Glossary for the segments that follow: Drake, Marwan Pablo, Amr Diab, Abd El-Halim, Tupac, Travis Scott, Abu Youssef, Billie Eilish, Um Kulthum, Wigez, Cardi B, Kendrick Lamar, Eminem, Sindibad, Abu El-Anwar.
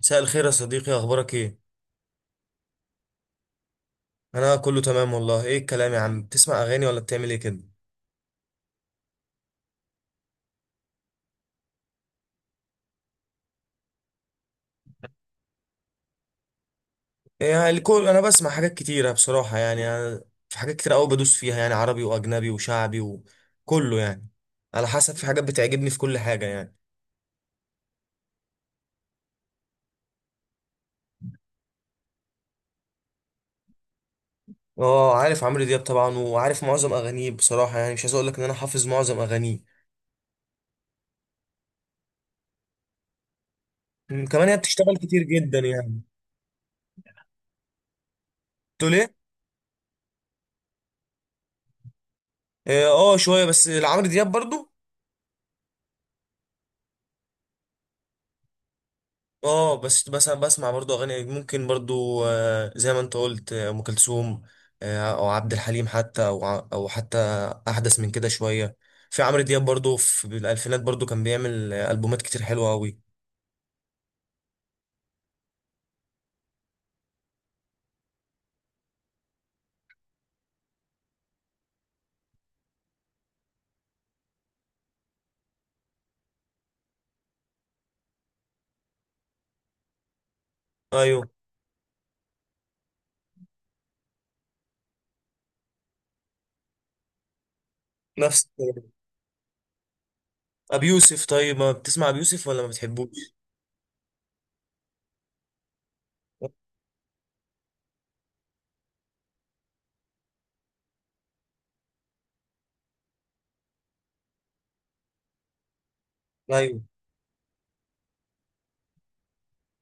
مساء الخير يا صديقي، اخبارك ايه؟ انا كله تمام والله. ايه الكلام يا عم، بتسمع اغاني ولا بتعمل ايه كده؟ إيه، يعني الكل. انا بسمع حاجات كتيره بصراحه، يعني أنا في حاجات كتير قوي بدوس فيها، يعني عربي واجنبي وشعبي وكله يعني، على حسب في حاجات بتعجبني في كل حاجه يعني. اه عارف عمرو دياب طبعا، وعارف معظم اغانيه بصراحه، يعني مش عايز اقول لك ان انا حافظ معظم اغانيه. كمان هي بتشتغل كتير جدا يعني. تقول ايه؟ اه شويه بس لعمرو دياب برضو. اه بس أنا بسمع برضو اغاني ممكن برضو، زي ما انت قلت، ام كلثوم، او عبد الحليم، حتى او او حتى احدث من كده شويه. في عمرو دياب برضو في الالفينات برضو كان بيعمل البومات كتير حلوه قوي. ايوه. نفس ابي يوسف؟ طيب ما بتسمع ابي يوسف ولا ما بتحبوش؟ ايوه.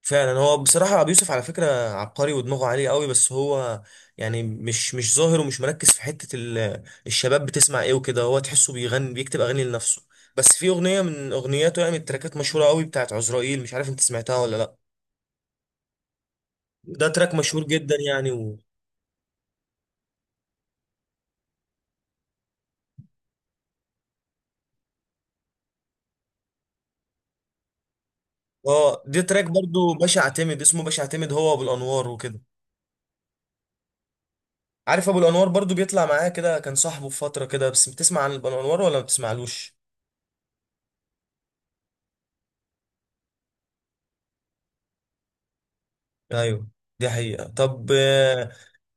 فعلا هو بصراحة أبو يوسف على فكرة عبقري ودماغه عالية قوي، بس هو يعني مش ظاهر ومش مركز في حتة الشباب بتسمع إيه وكده، هو تحسه بيغني بيكتب أغاني لنفسه. بس في أغنية من أغنياته، يعني من التراكات مشهورة قوي، بتاعت عزرائيل، مش عارف أنت سمعتها ولا لأ. ده تراك مشهور جدا يعني اه ده تراك برضو باشا اعتمد، اسمه باشا اعتمد، هو أبو الأنوار وكده. عارف أبو الأنوار برضو، بيطلع معاه كده، كان صاحبه في فترة كده. بس بتسمع عن أبو الأنوار ولا ما بتسمعلوش؟ أيوه دي حقيقة. طب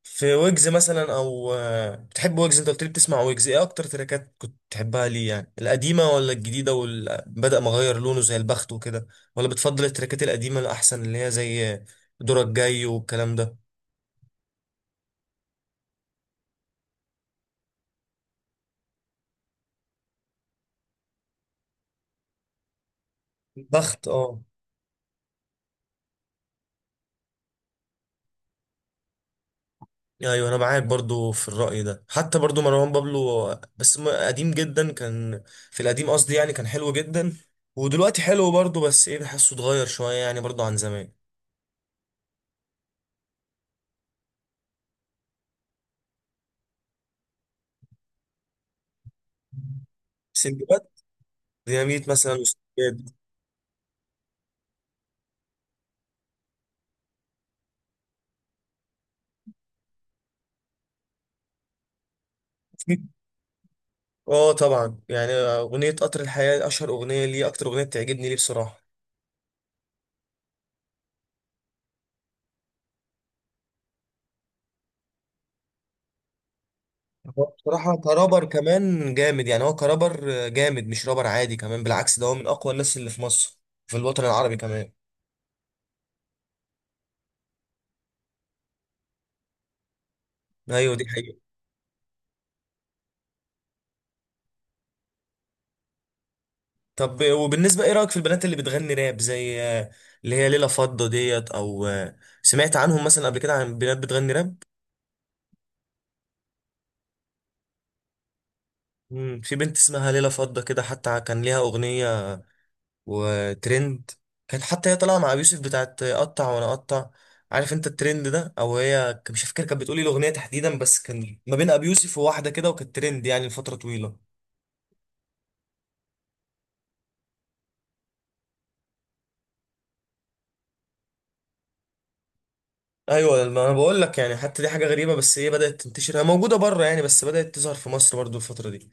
في ويجز مثلا او، بتحب ويجز؟ انت قلت لي بتسمع ويجز. ايه اكتر تراكات كنت تحبها ليه؟ يعني القديمه ولا الجديده بدأ مغير لونه زي البخت وكده، ولا بتفضل التراكات القديمه الاحسن، اللي هي زي دورك جاي والكلام ده؟ البخت، اه. ايوه انا معاك برضو في الرأي ده. حتى برضو مروان بابلو، بس قديم جدا، كان في القديم قصدي، يعني كان حلو جدا. ودلوقتي حلو برضو، بس ايه، بحسه اتغير شويه يعني برضو عن زمان. سندباد. ديناميت مثلا وسندباد. اه طبعا، يعني اغنيه قطر الحياه اشهر اغنيه ليه، اكتر اغنيه بتعجبني ليه بصراحه. هو بصراحه كرابر كمان جامد، يعني هو كرابر جامد مش رابر عادي كمان، بالعكس ده هو من اقوى الناس اللي في مصر، في الوطن العربي كمان. ايوه دي حقيقه. طب وبالنسبه ايه رايك في البنات اللي بتغني راب؟ زي اللي هي ليلى فضه ديت او، سمعت عنهم مثلا قبل كده، عن بنات بتغني راب؟ في بنت اسمها ليلى فضه كده، حتى كان ليها اغنيه وترند، كانت حتى هي طالعه مع ابي يوسف بتاعت اقطع وانا اقطع. عارف انت الترند ده؟ او هي مش فاكر كانت بتقولي الاغنيه تحديدا، بس كان ما بين ابي يوسف وواحده كده، وكانت ترند يعني لفتره طويله. ايوه ما انا بقول لك، يعني حتى دي حاجه غريبه، بس هي بدات تنتشر، هي موجوده بره يعني، بس بدات تظهر في مصر برضو الفتره دي.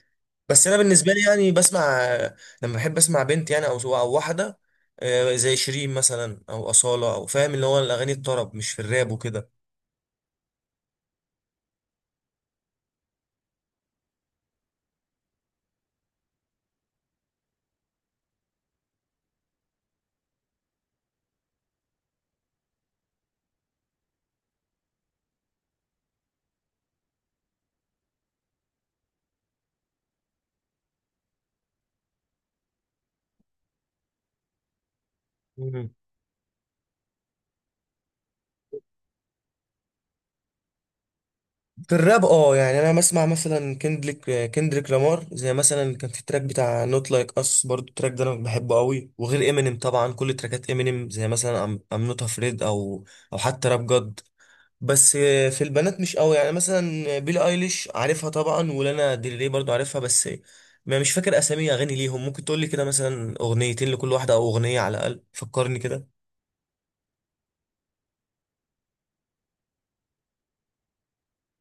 بس انا بالنسبه لي يعني بسمع، لما بحب اسمع بنت يعني، او او واحده، زي شيرين مثلا او اصاله، او فاهم اللي هو الاغاني الطرب، مش في الراب وكده. في الراب اه، يعني انا بسمع مثلا كندريك لامار، زي مثلا كان في التراك بتاع نوت لايك اس، برضو التراك ده انا بحبه قوي. وغير امينيم طبعا، كل تراكات امينيم زي مثلا ام نوت افريد، او او حتى راب جاد. بس في البنات مش قوي، يعني مثلا بيلي ايليش عارفها طبعا، ولانا ديل ري برضو عارفها، بس ما مش فاكر اسامي اغاني ليهم. ممكن تقول لي كده مثلا اغنيتين لكل واحده، او اغنيه على الاقل، فكرني كده.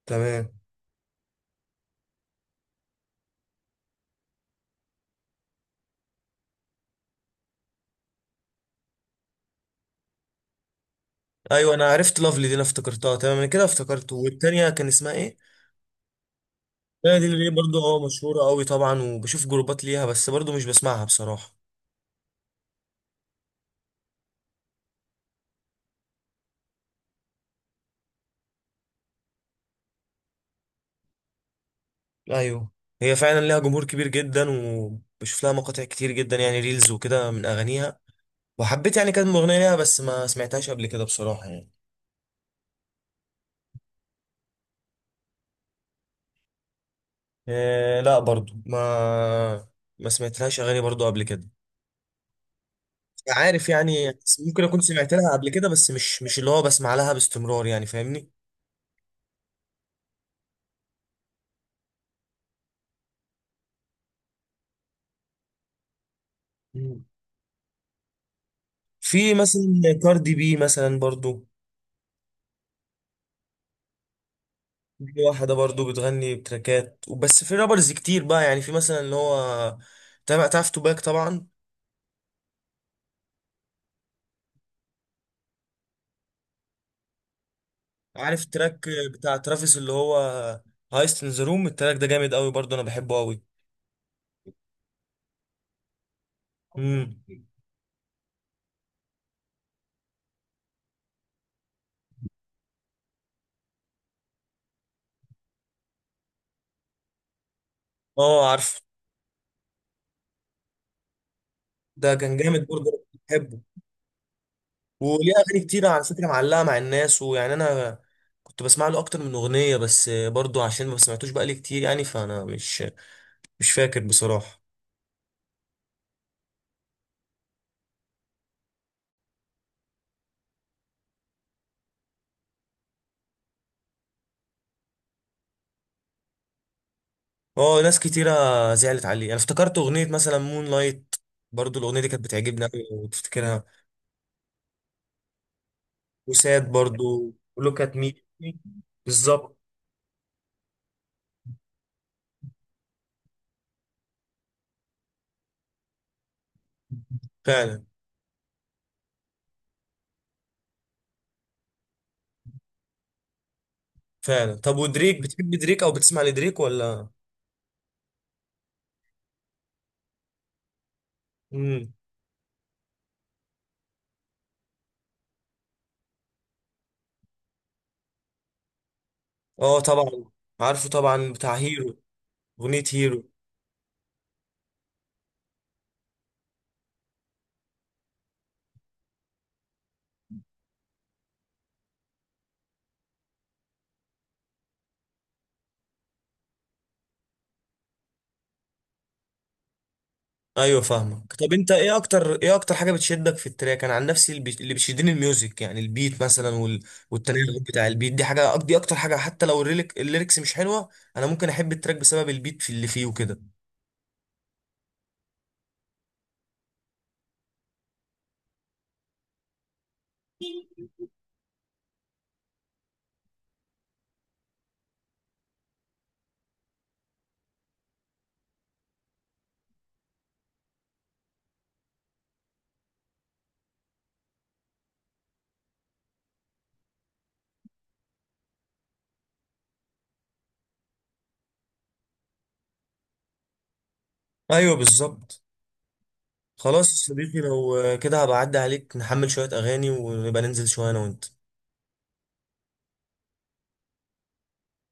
تمام. ايوه انا عرفت لافلي دي، انا افتكرتها، تمام انا كده افتكرت. والتانيه كان اسمها ايه؟ لا دي اللي برضو اه مشهورة قوي طبعا، وبشوف جروبات ليها، بس برضو مش بسمعها بصراحة. ايوه. هي فعلا ليها جمهور كبير جدا، وبشوف لها مقاطع كتير جدا يعني، ريلز وكده من اغانيها. وحبيت يعني كانت اغنية ليها، بس ما سمعتهاش قبل كده بصراحة يعني. إيه لا برضو ما، ما سمعتلهاش اغاني برضو قبل كده. عارف يعني، ممكن اكون سمعت لها قبل كده، بس مش اللي هو بسمع لها باستمرار يعني، فاهمني. مم. في مثلا كاردي بي مثلا برضو. في واحدة برضو بتغني بتراكات وبس، في رابرز كتير بقى يعني، في مثلا اللي هو تابع، تعرف توباك طبعا. عارف التراك بتاع ترافيس اللي هو هايست ان ذا روم، التراك ده جامد قوي برضو، انا بحبه قوي. امم. اه عارف. ده كان جامد برضو، أنا بحبه. وليه اغاني كتير على فكرة معلقة مع الناس، ويعني انا كنت بسمع له اكتر من اغنية، بس برضو عشان ما سمعتوش بقالي كتير يعني، فانا مش فاكر بصراحة. اه ناس كتيرة زعلت عليه. انا افتكرت اغنية مثلا مون لايت، برضو الاغنية دي كانت بتعجبني قوي لو تفتكرها. وساد برضو، ولوك ات مي، بالظبط. فعلا. فعلا. طب ودريك، بتحب دريك او بتسمع لدريك ولا؟ امم. اه طبعا، عارفه طبعا، بتاع هيرو. اغنية هيرو. ايوه فاهمك. طب انت ايه اكتر، ايه اكتر حاجه بتشدك في التراك؟ انا عن نفسي اللي بيشدني الميوزك، يعني البيت مثلا والتناغم بتاع البيت، دي حاجه، دي اكتر حاجه، حتى لو الليركس مش حلوه، انا ممكن احب التراك بسبب البيت في اللي فيه وكده. ايوه بالظبط. خلاص يا صديقي، لو كده هبقى اعدي عليك، نحمل شويه اغاني ونبقى ننزل شويه انا وانت.